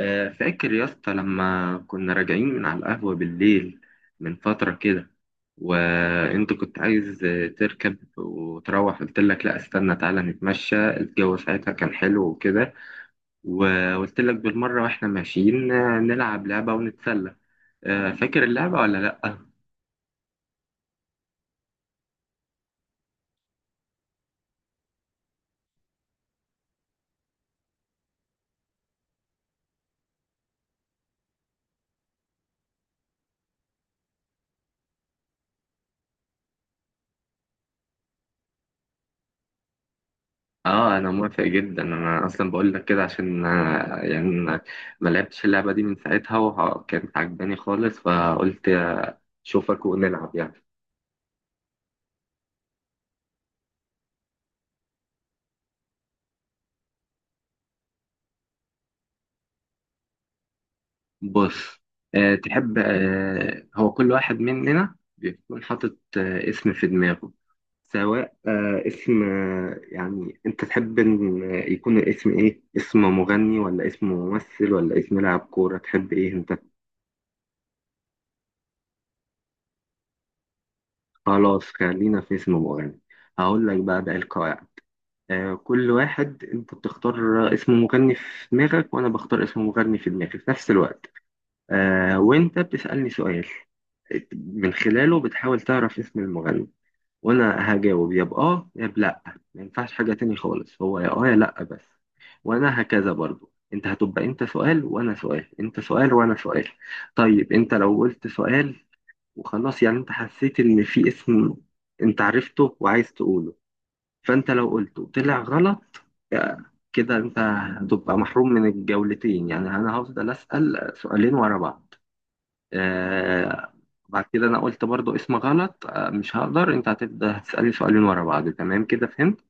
فاكر يا اسطى لما كنا راجعين من على القهوة بالليل من فترة كده. وانت كنت عايز تركب وتروح، قلت لك لا استنى تعالى نتمشى، الجو ساعتها كان حلو وكده. وقلت لك بالمرة واحنا ماشيين نلعب لعبة ونتسلى. فاكر اللعبة ولا لا؟ اه انا موافق جدا، انا اصلا بقول لك كده عشان يعني ما لعبتش اللعبة دي من ساعتها وكانت عجباني خالص، فقلت اشوفك ونلعب يعني. بص، تحب، هو كل واحد مننا بيكون حاطط اسم في دماغه. سواء اسم، يعني انت تحب ان يكون الاسم ايه، اسم مغني ولا اسم ممثل ولا اسم لاعب كورة، تحب ايه انت؟ خلاص خلينا في اسم مغني. هقول لك بقى القواعد. كل واحد انت بتختار اسم مغني في دماغك، وانا بختار اسم مغني في دماغي في نفس الوقت. وانت بتسألني سؤال، من خلاله بتحاول تعرف اسم المغني، وانا هجاوب يا باه يا بلا، ما ينفعش حاجه تاني خالص، هو يا اه يا لا بس. وانا هكذا برضو، انت هتبقى انت سؤال وانا سؤال، انت سؤال وانا سؤال. طيب انت لو قلت سؤال وخلاص يعني، انت حسيت ان في اسم انت عرفته وعايز تقوله، فانت لو قلته طلع غلط، آه، كده انت هتبقى محروم من الجولتين، يعني انا هفضل اسال سؤالين ورا بعض. آه، بعد كده انا قلت برضو اسم غلط آه، مش هقدر، انت هتبدا تسالني سؤالين ورا بعض، تمام كده فهمت؟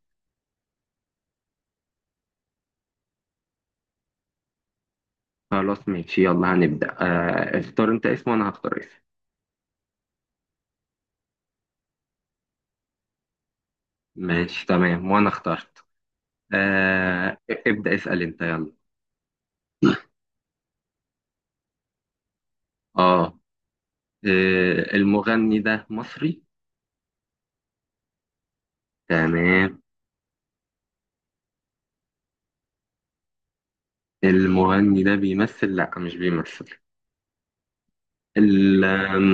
خلاص ماشي، يلا هنبدا. آه، اختار انت اسم وانا هختار اسم. ماشي تمام، وانا اخترت. آه، ابدا اسال انت يلا. اه. المغني ده مصري. تمام. المغني ده بيمثل؟ لا مش بيمثل. ال آم،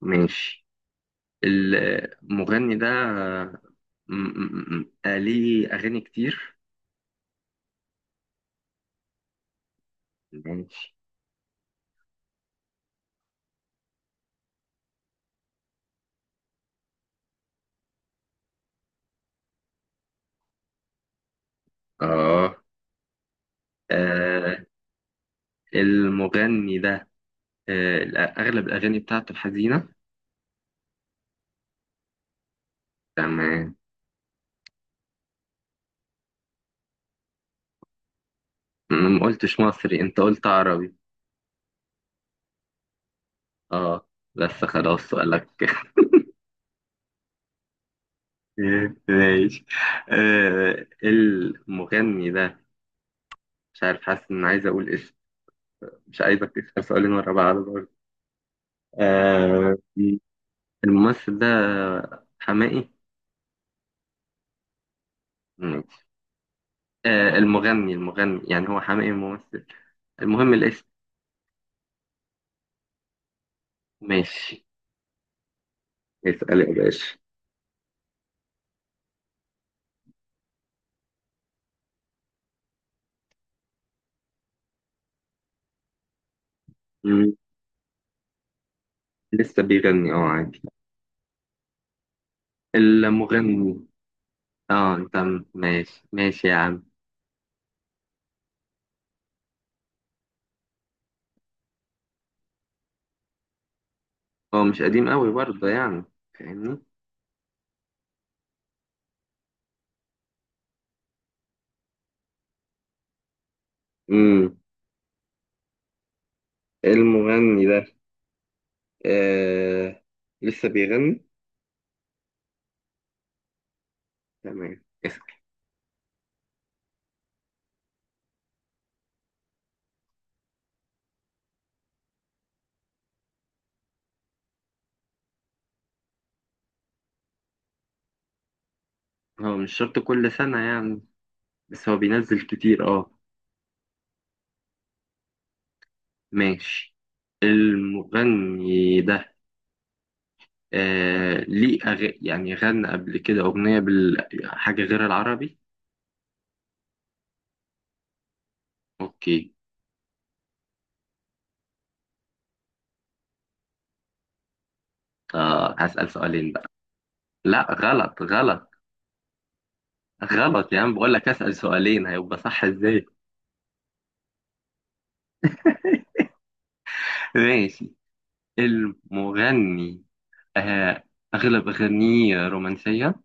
ماشي. المغني ده ليه اغاني كتير؟ ماشي. آه. آه، المغني ده، آه، أغلب الأغاني بتاعته الحزينة. تمام. أنا ما قلتش مصري، أنت قلت عربي. آه، بس خلاص سؤالك. ماشي. المغني ده، مش عارف، حاسس إن عايز أقول اسم. مش عايزك تسأل سؤالين ورا بعض برضه. آه، الممثل ده حماقي. ماشي. المغني يعني، هو حماقي ممثل؟ المهم الاسم. ماشي. اسأل يا باشا. لسه بيغني، اه عادي. المغني، اه. انت ماشي يا عم. هو مش قديم قوي برضه يعني، فاهمني؟ امم. المغني ده آه لسه بيغني. تمام، اسأل. هو مش شرط كل سنة يعني، بس هو بينزل كتير اه. ماشي. المغني ده آه ليه أغ... يعني غنى قبل كده أغنية بال... حاجة غير العربي؟ اوكي. آه، هسأل سؤالين بقى. لا، غلط غلط. غلط يا عم، بقول لك اسأل سؤالين، هيبقى صح ازاي؟ ماشي. المغني آه، اغلب اغانيه رومانسية.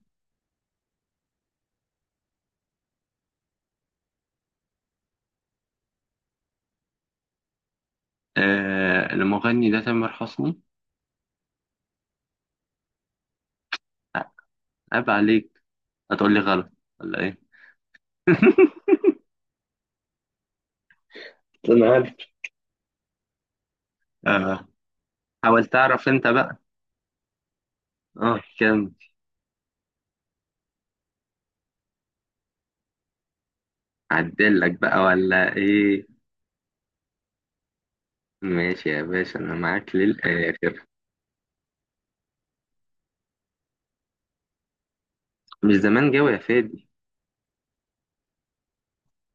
آه، المغني ده تامر حسني. آه، عيب عليك، هتقول لي غلط ولا ايه؟ انا عارف. آه. حاول تعرف انت بقى. اه كم. عدل لك بقى ولا ايه؟ ماشي يا باشا، انا معاك للاخر. مش زمان جوي يا فادي.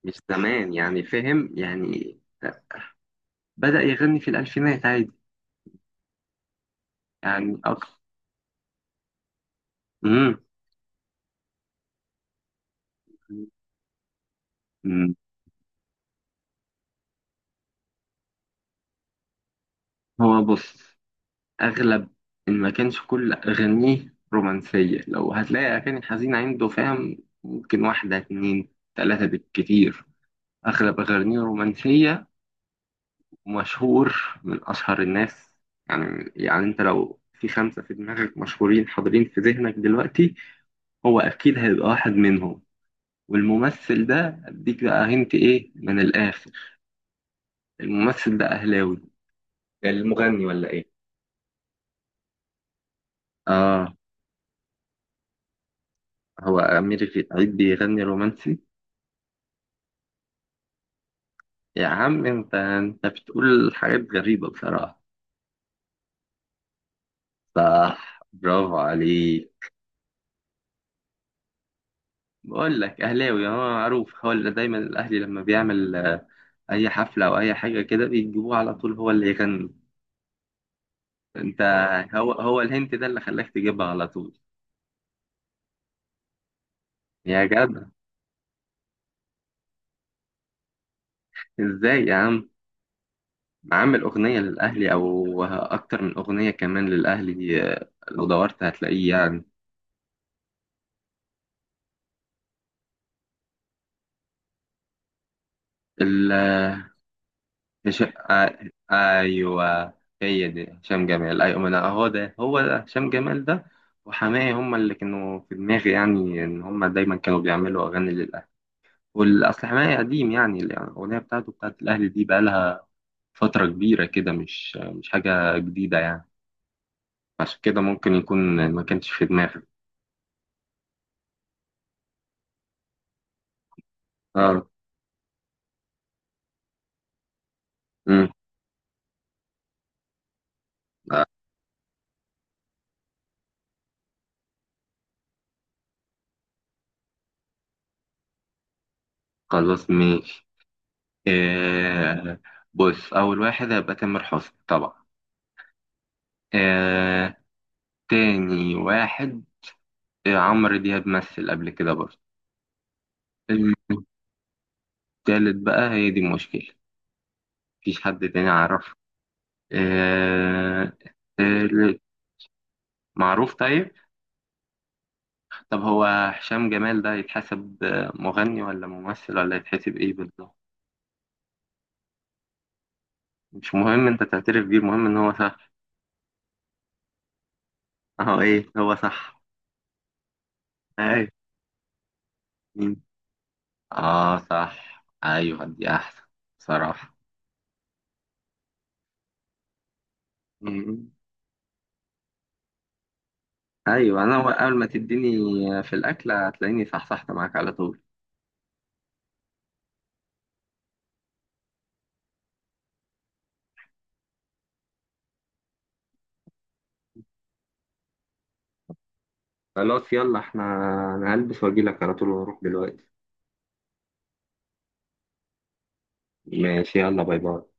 مش زمان يعني، فاهم يعني، بدأ يغني في الألفينات عادي. يعني أكتر. مم. مم. هو بص، اغلب، ان ما كانش كل اغانيه رومانسيه، لو هتلاقي اغاني حزينه عنده، فاهم، ممكن واحده اتنين تلاته بالكتير. اغلب اغانيه رومانسيه، ومشهور، من اشهر الناس، يعني انت لو في خمسه في دماغك مشهورين حاضرين في ذهنك دلوقتي، هو اكيد هيبقى واحد منهم. والممثل ده اديك بقى هنت ايه من الاخر، الممثل ده اهلاوي. المغني ولا ايه؟ اه. هو أمير عيد بيغني رومانسي؟ يا عم أنت، بتقول حاجات غريبة بصراحة. صح، برافو عليك. بقول لك أهلاوي، هو معروف، هو اللي دايما الأهلي لما بيعمل أي حفلة أو أي حاجة كده بيجيبوه على طول هو اللي يغني. أنت، هو الهنت ده اللي خلاك تجيبها على طول يا جدع. إزاي يا عم، عامل أغنية للأهلي أو أكتر من أغنية كمان للأهلي، لو دورت هتلاقيه يعني. هش... آ... ايوه، هي دي هشام جمال ايوه، ما انا اهو ده، هو ده هشام جمال ده وحماية، هما اللي كانوا في دماغي يعني، ان هما دايما كانوا بيعملوا اغاني للاهلي. والاصل حماية قديم يعني، الاغنيه بتاعته بتاعت الاهلي دي بقالها فتره كبيره كده، مش حاجه جديده يعني، عشان كده ممكن يكون ما كانش في دماغي. اه. امم. آه، خلاص ماشي. آه، بص اول واحد هيبقى تامر حسني طبعا. آه، تاني واحد إيه، عمرو دياب مثل قبل كده برضه. التالت بقى هي دي المشكلة، مفيش حد تاني عرفه. آه، التالت معروف طيب. طب هو هشام جمال ده يتحسب مغني ولا ممثل ولا يتحسب ايه بالظبط؟ مش مهم انت تعترف بيه، المهم ان هو صح. اهو ايه، هو صح. ايوه. مين؟ اه صح، ايوه دي احسن بصراحة. مم. ايوه انا اول ما تديني في الاكل هتلاقيني صحصحت معاك على طول. خلاص يلا احنا، انا هلبس واجيلك على طول ونروح دلوقتي. ماشي يلا، باي باي.